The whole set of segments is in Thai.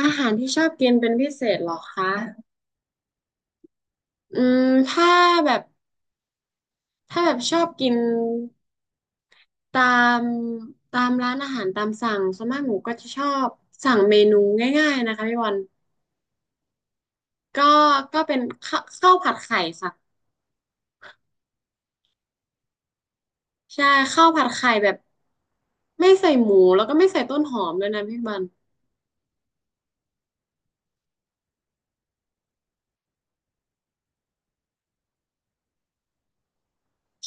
อาหารที่ชอบกินเป็นพิเศษเหรอคะอืมถ้าแบบถ้าแบบชอบกินตามตามร้านอาหารตามสั่งส่วนมากหนูก็จะชอบสั่งเมนูง่ายๆนะคะพี่บอลก็ก็เป็นข้าวผัดไข่ค่ะใช่ข้าวผัดไข่แบบไม่ใส่หมูแล้วก็ไม่ใส่ต้นหอมเลยนะพี่บอล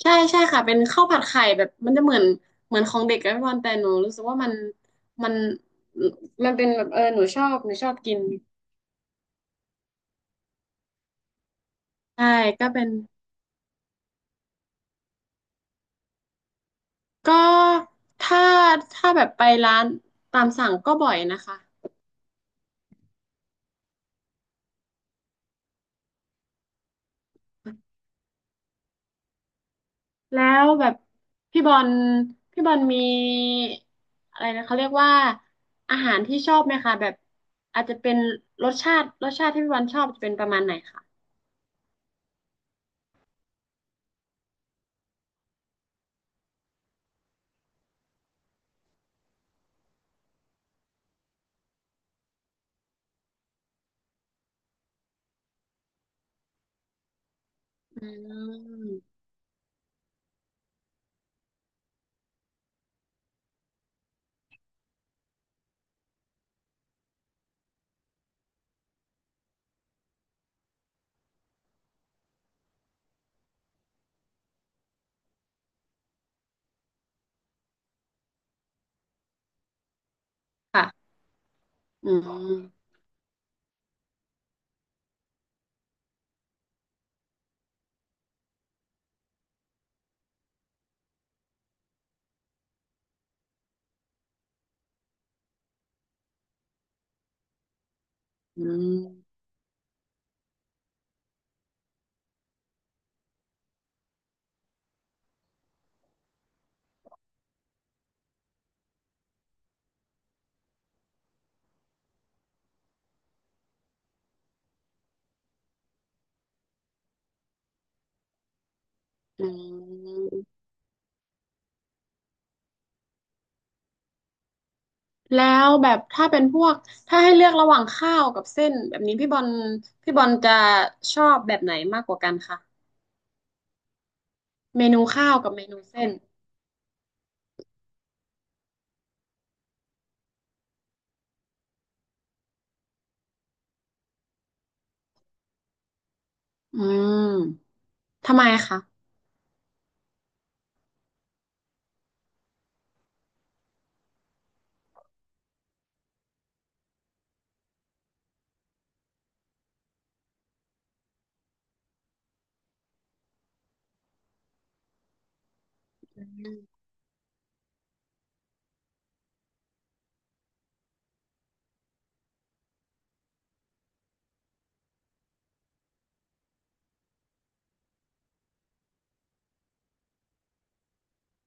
ใช่ใช่ค่ะเป็นข้าวผัดไข่แบบมันจะเหมือนของเด็กอะพี่บอลแต่หนูรู้สึกว่ามันมันเป็นแบบเออหนูชอบกิน ใช่ก็เป็นก็ถ้าถ้าแบบไปร้านตามสั่งก็บ่อยนะคะแล้วแบบพี่บอลพี่บอลมีอะไรนะเขาเรียกว่าอาหารที่ชอบไหมคะแบบอาจจะเป็นรสชาติที่พี่บอลชอบจะเป็นประมาณไหนคะอืมค่ะอืมอืมอืมแล้วแบบถ้าให้เลือกระหว่างข้าวกับเส้นแบบนี้พี่บอลพี่บอลจะชอบแบบไหนมากกว่ากันคะ เมนูข้าวกับเมนูเส้นอืมทำไมคะอืม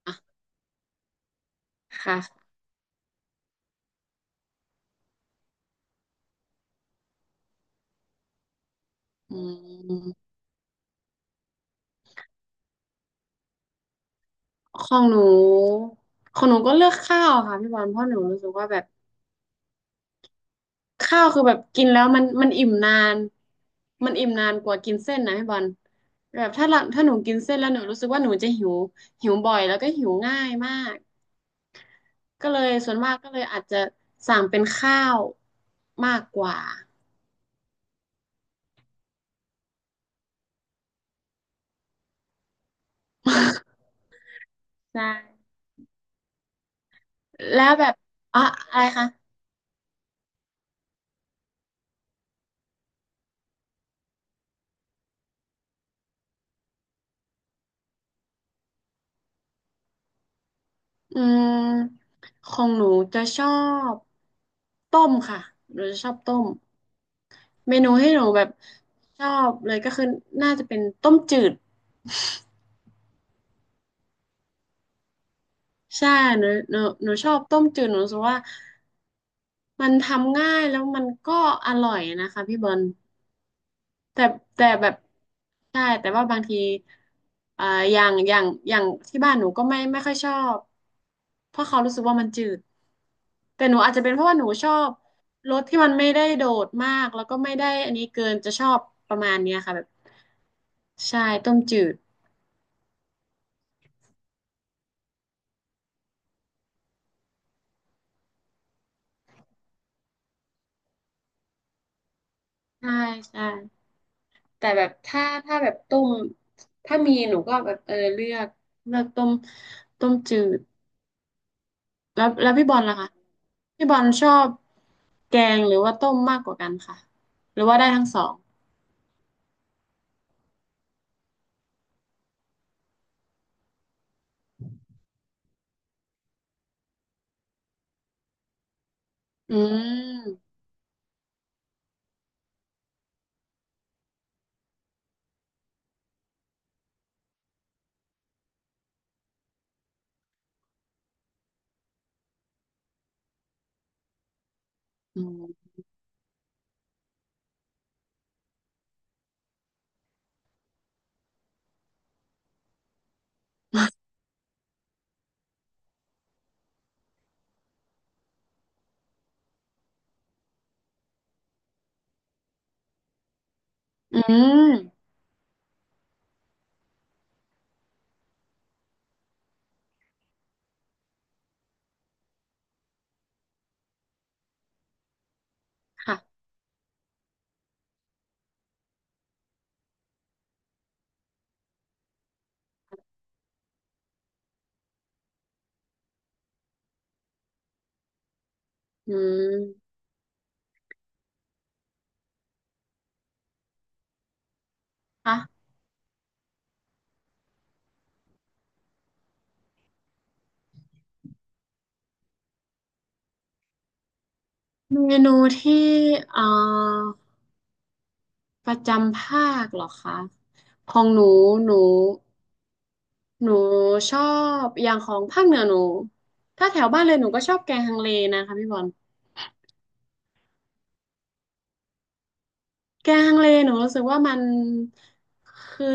อ่ะค่ะอืมของหนูของหนูก็เลือกข้าวค่ะพี่บอลเพราะหนูรู้สึกว่าแบบข้าวคือแบบกินแล้วมันอิ่มนานมันอิ่มนานกว่ากินเส้นนะพี่บอลแบบถ้าหนูกินเส้นแล้วหนูรู้สึกว่าหนูจะหิวหิวบ่อยแล้วก็หิวง่ายมากก็เลยส่วนมากก็เลยอาจจะสั่งเป็นข้าวมากกว่าใช่แล้วแบบอ่ะอะไรคะ อืมของหนูจะชอบต้มค่ะหนูจะชอบต้มเมนูให้หนูแบบชอบเลยก็คือน่าจะเป็นต้มจืดใช่หนูหนูหนูชอบต้มจืดหนูรู้สึกว่ามันทำง่ายแล้วมันก็อร่อยนะคะพี่บอล แต่แต่แบบใช่แต่ว่าบางทีอ่าอย่างที่บ้านหนูก็ไม่ค่อยชอบเพราะเขารู้สึกว่ามันจืดแต่หนูอาจจะเป็นเพราะว่าหนูชอบรสที่มันไม่ได้โดดมากแล้วก็ไม่ได้อันนี้เกินจะชอบประมาณเนี้ยค่ะแบบใช่ต้มจืดใช่ใช่แต่แบบถ้าแบบต้มถ้ามีหนูก็แบบเออเลือกต้มจืด แล้วพี่บอลล่ะคะพี่บอลชอบแกงหรือว่าต้มมากกว่ากันค่ะหรือว่าได้ทั้งสองอืมอืมอืมค่ะอืมค่ะเมนูที่เอ่อประจำภาคเหรอคะของหนูหนูหนูชอบอย่างของภาคเหนือหนูถ้าแถวบ้านเลยหนูก็ชอบแกงฮังเลนะคะพี่บอล แกงฮังเลหนูรู้สึกว่ามันคือ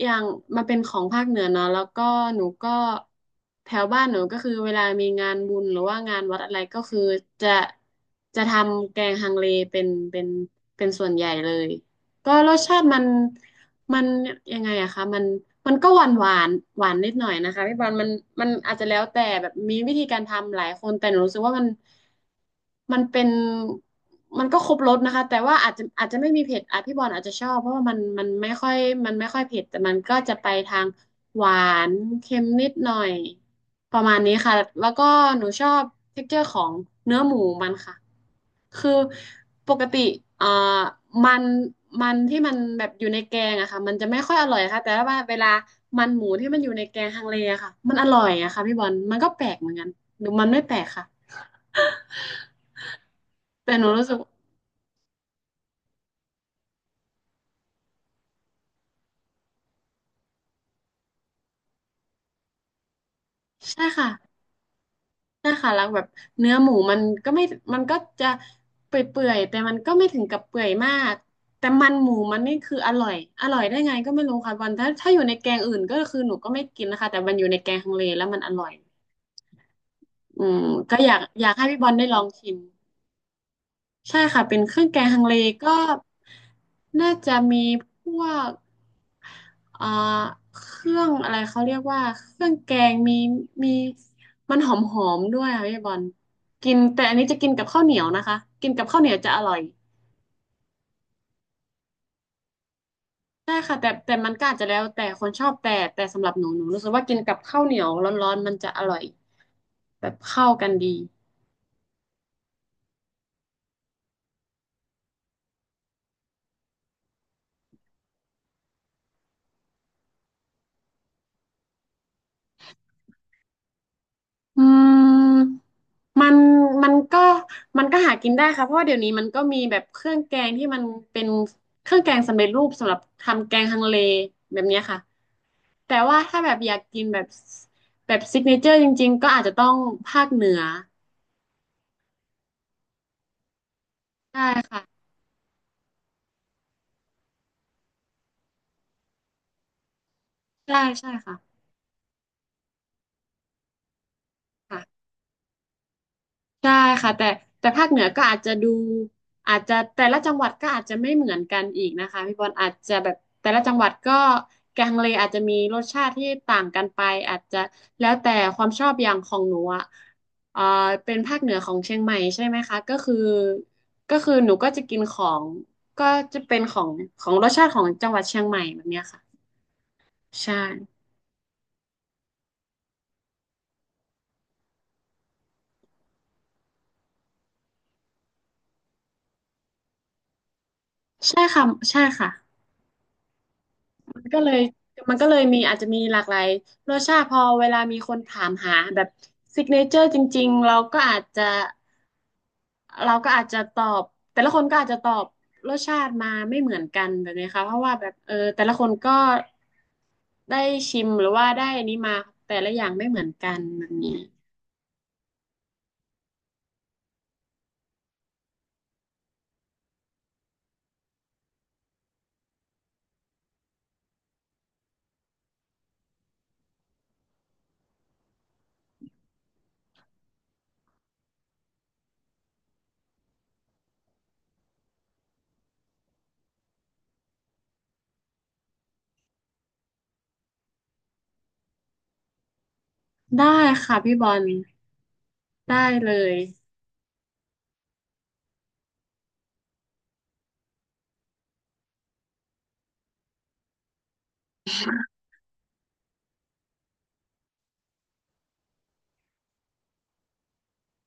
อย่างมันเป็นของภาคเหนือเนาะแล้วก็หนูก็แถวบ้านหนูก็คือเวลามีงานบุญหรือว่างานวัดอะไรก็คือจะจะทำแกงฮังเลเป็นเป็นเป็นส่วนใหญ่เลยก็รสชาติมันยังไงอะคะมันก็หวานหวานนิดหน่อยนะคะพี่บอลมันอาจจะแล้วแต่แบบมีวิธีการทำหลายคนแต่หนูรู้สึกว่ามัน มันเป็นมันก็ครบรสนะคะแต่ว่าอาจจะไม่มีเผ็ดอ่ะพี่บอลอาจจะชอบเพราะว่ามันไม่ค่อยเผ็ดแต่มันก็จะไปทางหวานเค็มนิดหน่อยประมาณนี้ค่ะแล้วก็หนูชอบ texture ของเนื้อหมูมันค่ะคือปกติเอ่อมันที่มันแบบอยู่ในแกงอะค่ะมันจะไม่ค่อยอร่อยค่ะแต่ว่าเวลามันหมูที่มันอยู่ในแกงฮังเลอะค่ะมันอร่อยอะค่ะพี่บอลมันก็แปลกเหมือนกันหรือมันไม่แปลกค่ะแต่หนูรู้สึก ใช่ค่ะใช่ค่ะแล้วแบบเนื้อหมูก็ไม่มันก็จะเปื่อยๆแต่มันก็ไม่ถึงกับเปื่อยมาก แต่มันหมูมันนี่คืออร่อยอร่อยได้ไงก็ไม่รู้ค่ะวันถ้าอยู่ในแกงอื่นก็คือหนูก็ไม่กินนะคะแต่มันอยู่ในแกงฮังเลแล้วมันอร่อยอืมก็อยากให้พี่บอลได้ลองชิม ใช่ค่ะเป็นเครื่องแกงฮังเลก็น่าจะมีพวกเอ่อเครื่องอะไรเขาเรียกว่าเครื่องแกงมีมันหอมหอมด้วยค่ะพี่บอลกินแต่อันนี้จะกินกับข้าวเหนียวนะคะกินกับข้าวเหนียวจะอร่อยใช่ค่ะแต่มันก็อาจจะแล้วแต่คนชอบแต่สำหรับหนูรู้สึกว่ากินกับข้าวเหนียวร้อนๆมันจะอร่อยแบบเข้ากันดีอืม มันมันก็มันก็หากินได้ค่ะเพราะว่าเดี๋ยวนี้มันก็มีแบบเครื่องแกงที่มันเป็นเครื่องแกงสำเร็จรูปสำหรับทำแกงฮังเลแบบเนี้ยค่ะแต่ว่าถ้าแบบอยากกินแบบซิกเนเจอร์จริงๆก็อาจจะต้องภาคเหนือใช่ค่ะใช่ใช่ค่ะค่ะ ได้ค่ะแต่ภาคเหนือก็อาจจะดูอาจจะแต่ละจังหวัดก็อาจจะไม่เหมือนกันอีกนะคะพี่บอลอาจจะแบบแต่ละจังหวัดก็แกงเลอาจจะมีรสชาติที่ต่างกันไปอาจจะแล้วแต่ความชอบอย่างของหนูอ่ะเอ่อเป็นภาคเหนือของเชียงใหม่ใช่ไหมคะก็คือหนูก็จะกินของก็จะเป็นของของรสชาติของจังหวัดเชียงใหม่แบบเนี้ยค่ะใช่ใช่ค่ะใช่ค่ะ มันก็เลยมันก็เลยมีอาจจะมีหลากหลายรสชาติพอเวลามีคนถามหาแบบซิกเนเจอร์จริงๆเราก็อาจจะตอบแต่ละคนก็อาจจะตอบรสชาติมาไม่เหมือนกันแบบนี้ค่ะเพราะว่าแบบเออแต่ละคนก็ได้ชิมหรือว่าได้อันนี้มาแต่ละอย่างไม่เหมือนกันแบบนี้ได้ค่ะพี่บอลได้เลย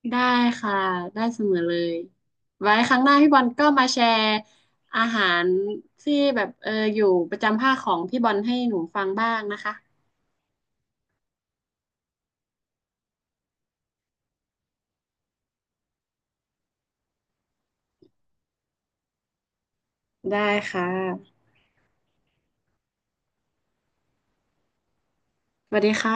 ได้ค่ะได้เสมอเลยไว้ครั้งหน้าพี่บอลก็มาแชร์อาหารที่แบบอยู่ประจำภาคของพี่บอลให้หนูฟังบ้างนะคะได้ค่ะสวัสดีค่ะ